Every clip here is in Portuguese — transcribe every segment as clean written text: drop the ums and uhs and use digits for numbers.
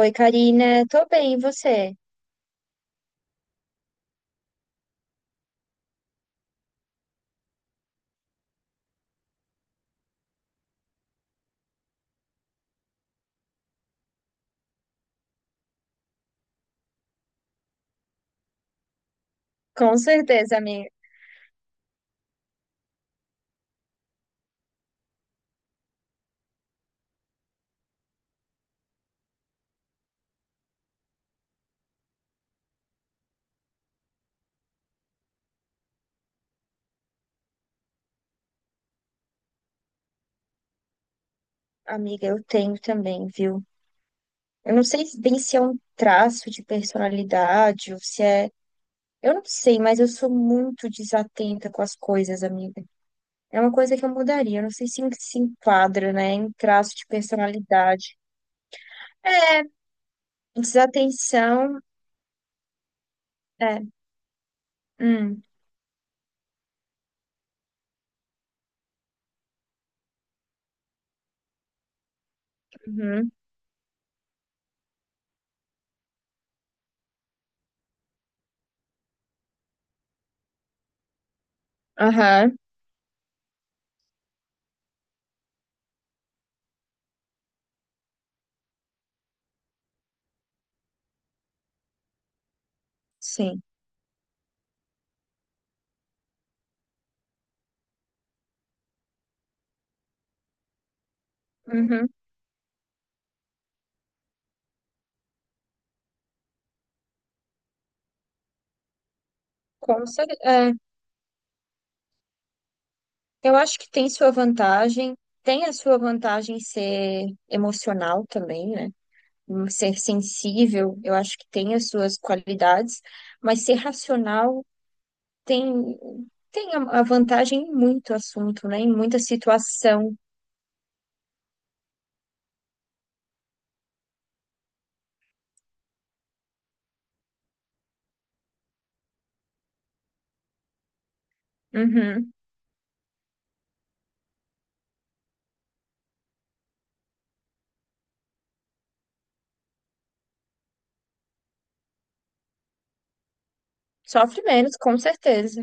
Oi, Karina, tô bem, e você? Com certeza, amiga, eu tenho também, viu? Eu não sei bem se é um traço de personalidade ou se é. Eu não sei, mas eu sou muito desatenta com as coisas, amiga. É uma coisa que eu mudaria. Eu não sei se se enquadra, né, em traço de personalidade. É, desatenção. É. Hum, uhum, aham, sim. Uhum, com certeza. É. Eu acho que tem sua vantagem, tem a sua vantagem ser emocional também, né? Ser sensível, eu acho que tem as suas qualidades, mas ser racional tem, tem a vantagem em muito assunto, né? Em muita situação. Uhum. Sofre menos, com certeza.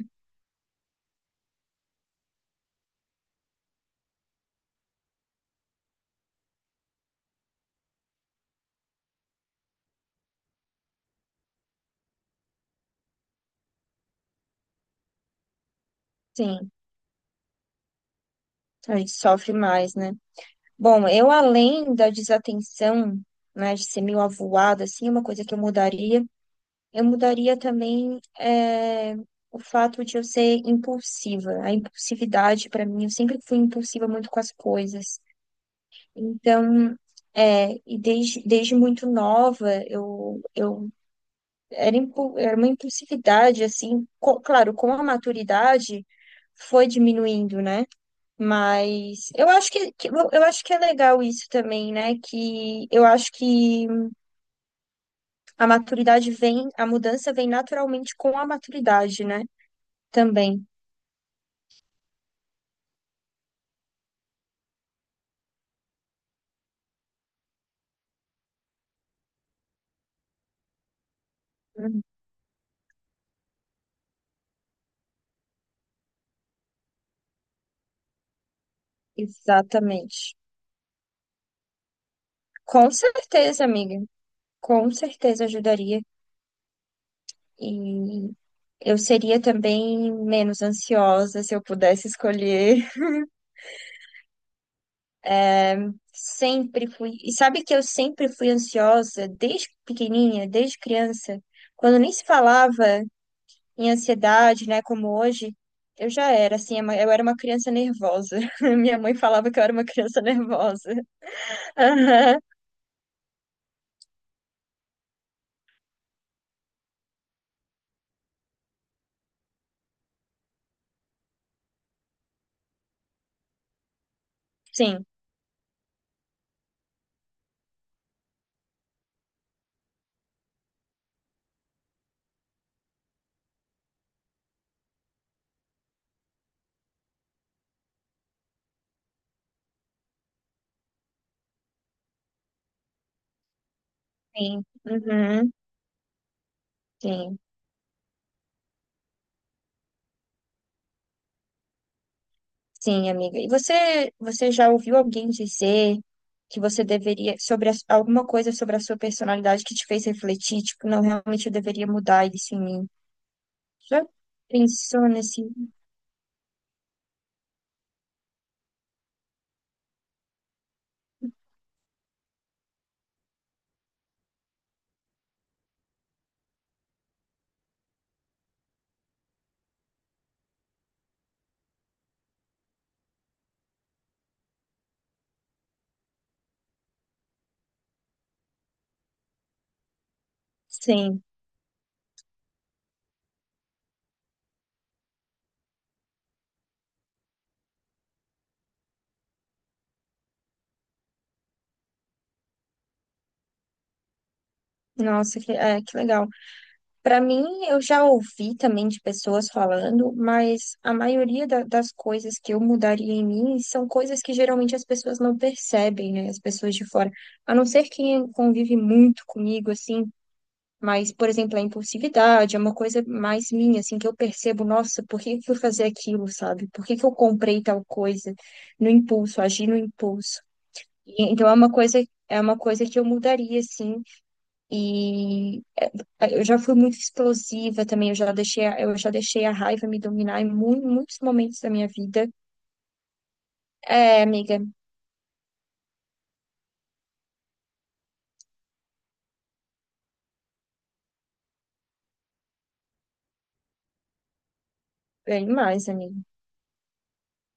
Sim, a gente sofre mais, né? Bom, eu além da desatenção, né, de ser meio avoada, assim, é uma coisa que eu mudaria. Eu mudaria também o fato de eu ser impulsiva. A impulsividade, para mim, eu sempre fui impulsiva muito com as coisas. Então, é, e desde muito nova, eu era, era uma impulsividade, assim, claro, com a maturidade foi diminuindo, né? Mas eu acho que, eu acho que é legal isso também, né? Que eu acho que a maturidade vem, a mudança vem naturalmente com a maturidade, né? Também. Uhum. Exatamente. Com certeza, amiga. Com certeza ajudaria. E eu seria também menos ansiosa se eu pudesse escolher. Sempre fui. E sabe que eu sempre fui ansiosa desde pequenininha, desde criança. Quando nem se falava em ansiedade, né, como hoje, eu já era assim, eu era uma criança nervosa. Minha mãe falava que eu era uma criança nervosa. Aham. Sim, sim. Uhum. Sim. Sim, amiga. E você já ouviu alguém dizer que você deveria, sobre alguma coisa sobre a sua personalidade que te fez refletir, tipo, não, realmente eu deveria mudar isso em mim? Já pensou nesse? Sim. Nossa, que legal. Para mim, eu já ouvi também de pessoas falando, mas a maioria das coisas que eu mudaria em mim são coisas que geralmente as pessoas não percebem, né? As pessoas de fora. A não ser quem convive muito comigo, assim. Mas, por exemplo, a impulsividade é uma coisa mais minha, assim, que eu percebo, nossa, por que que eu fui fazer aquilo, sabe? Por que que eu comprei tal coisa no impulso, agi no impulso? E então é uma coisa que eu mudaria, assim, e eu já fui muito explosiva também, eu já deixei a raiva me dominar em muitos momentos da minha vida. É, amiga, bem mais, amiga.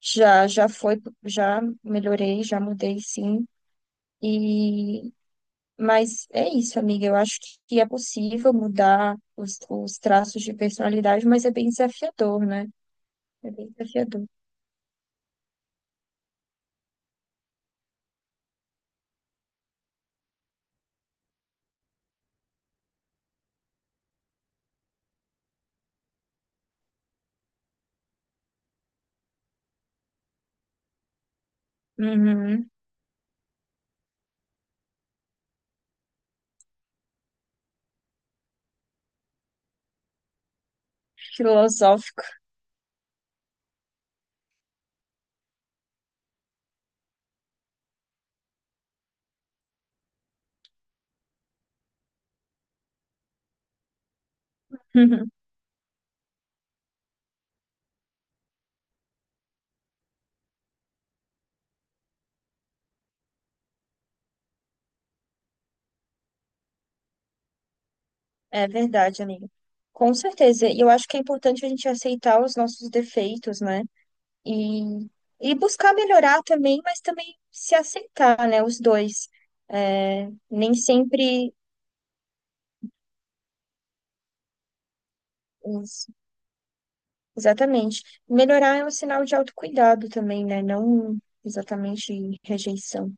Já, já foi, já melhorei, já mudei, sim. E Mas é isso, amiga. Eu acho que é possível mudar os traços de personalidade, mas é bem desafiador, né? É bem desafiador. Uhum. Filosófico. É verdade, amiga. Com certeza. E eu acho que é importante a gente aceitar os nossos defeitos, né? E, e buscar melhorar também, mas também se aceitar, né? Os dois. É, nem sempre. Exatamente. Melhorar é um sinal de autocuidado também, né? Não exatamente rejeição.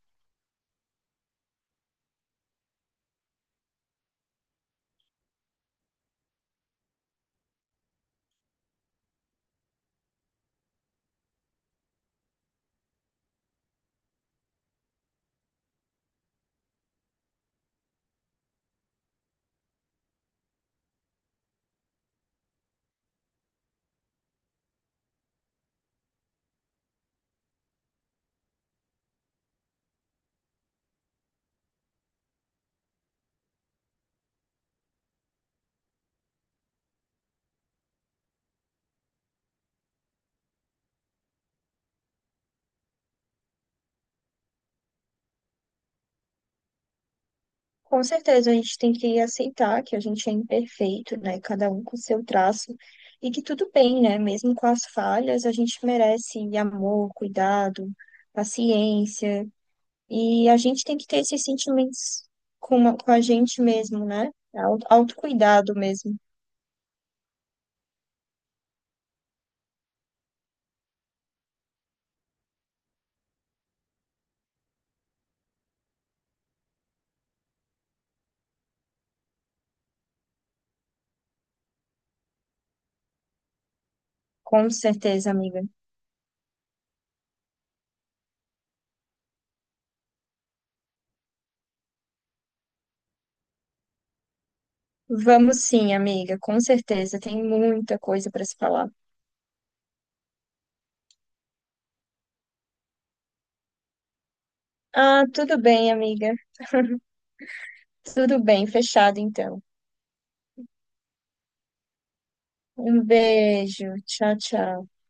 Com certeza, a gente tem que aceitar que a gente é imperfeito, né? Cada um com seu traço. E que tudo bem, né? Mesmo com as falhas, a gente merece amor, cuidado, paciência. E a gente tem que ter esses sentimentos com a gente mesmo, né? Autocuidado mesmo. Com certeza, amiga. Vamos sim, amiga, com certeza. Tem muita coisa para se falar. Ah, tudo bem, amiga. Tudo bem, fechado então. Um beijo. Tchau, tchau.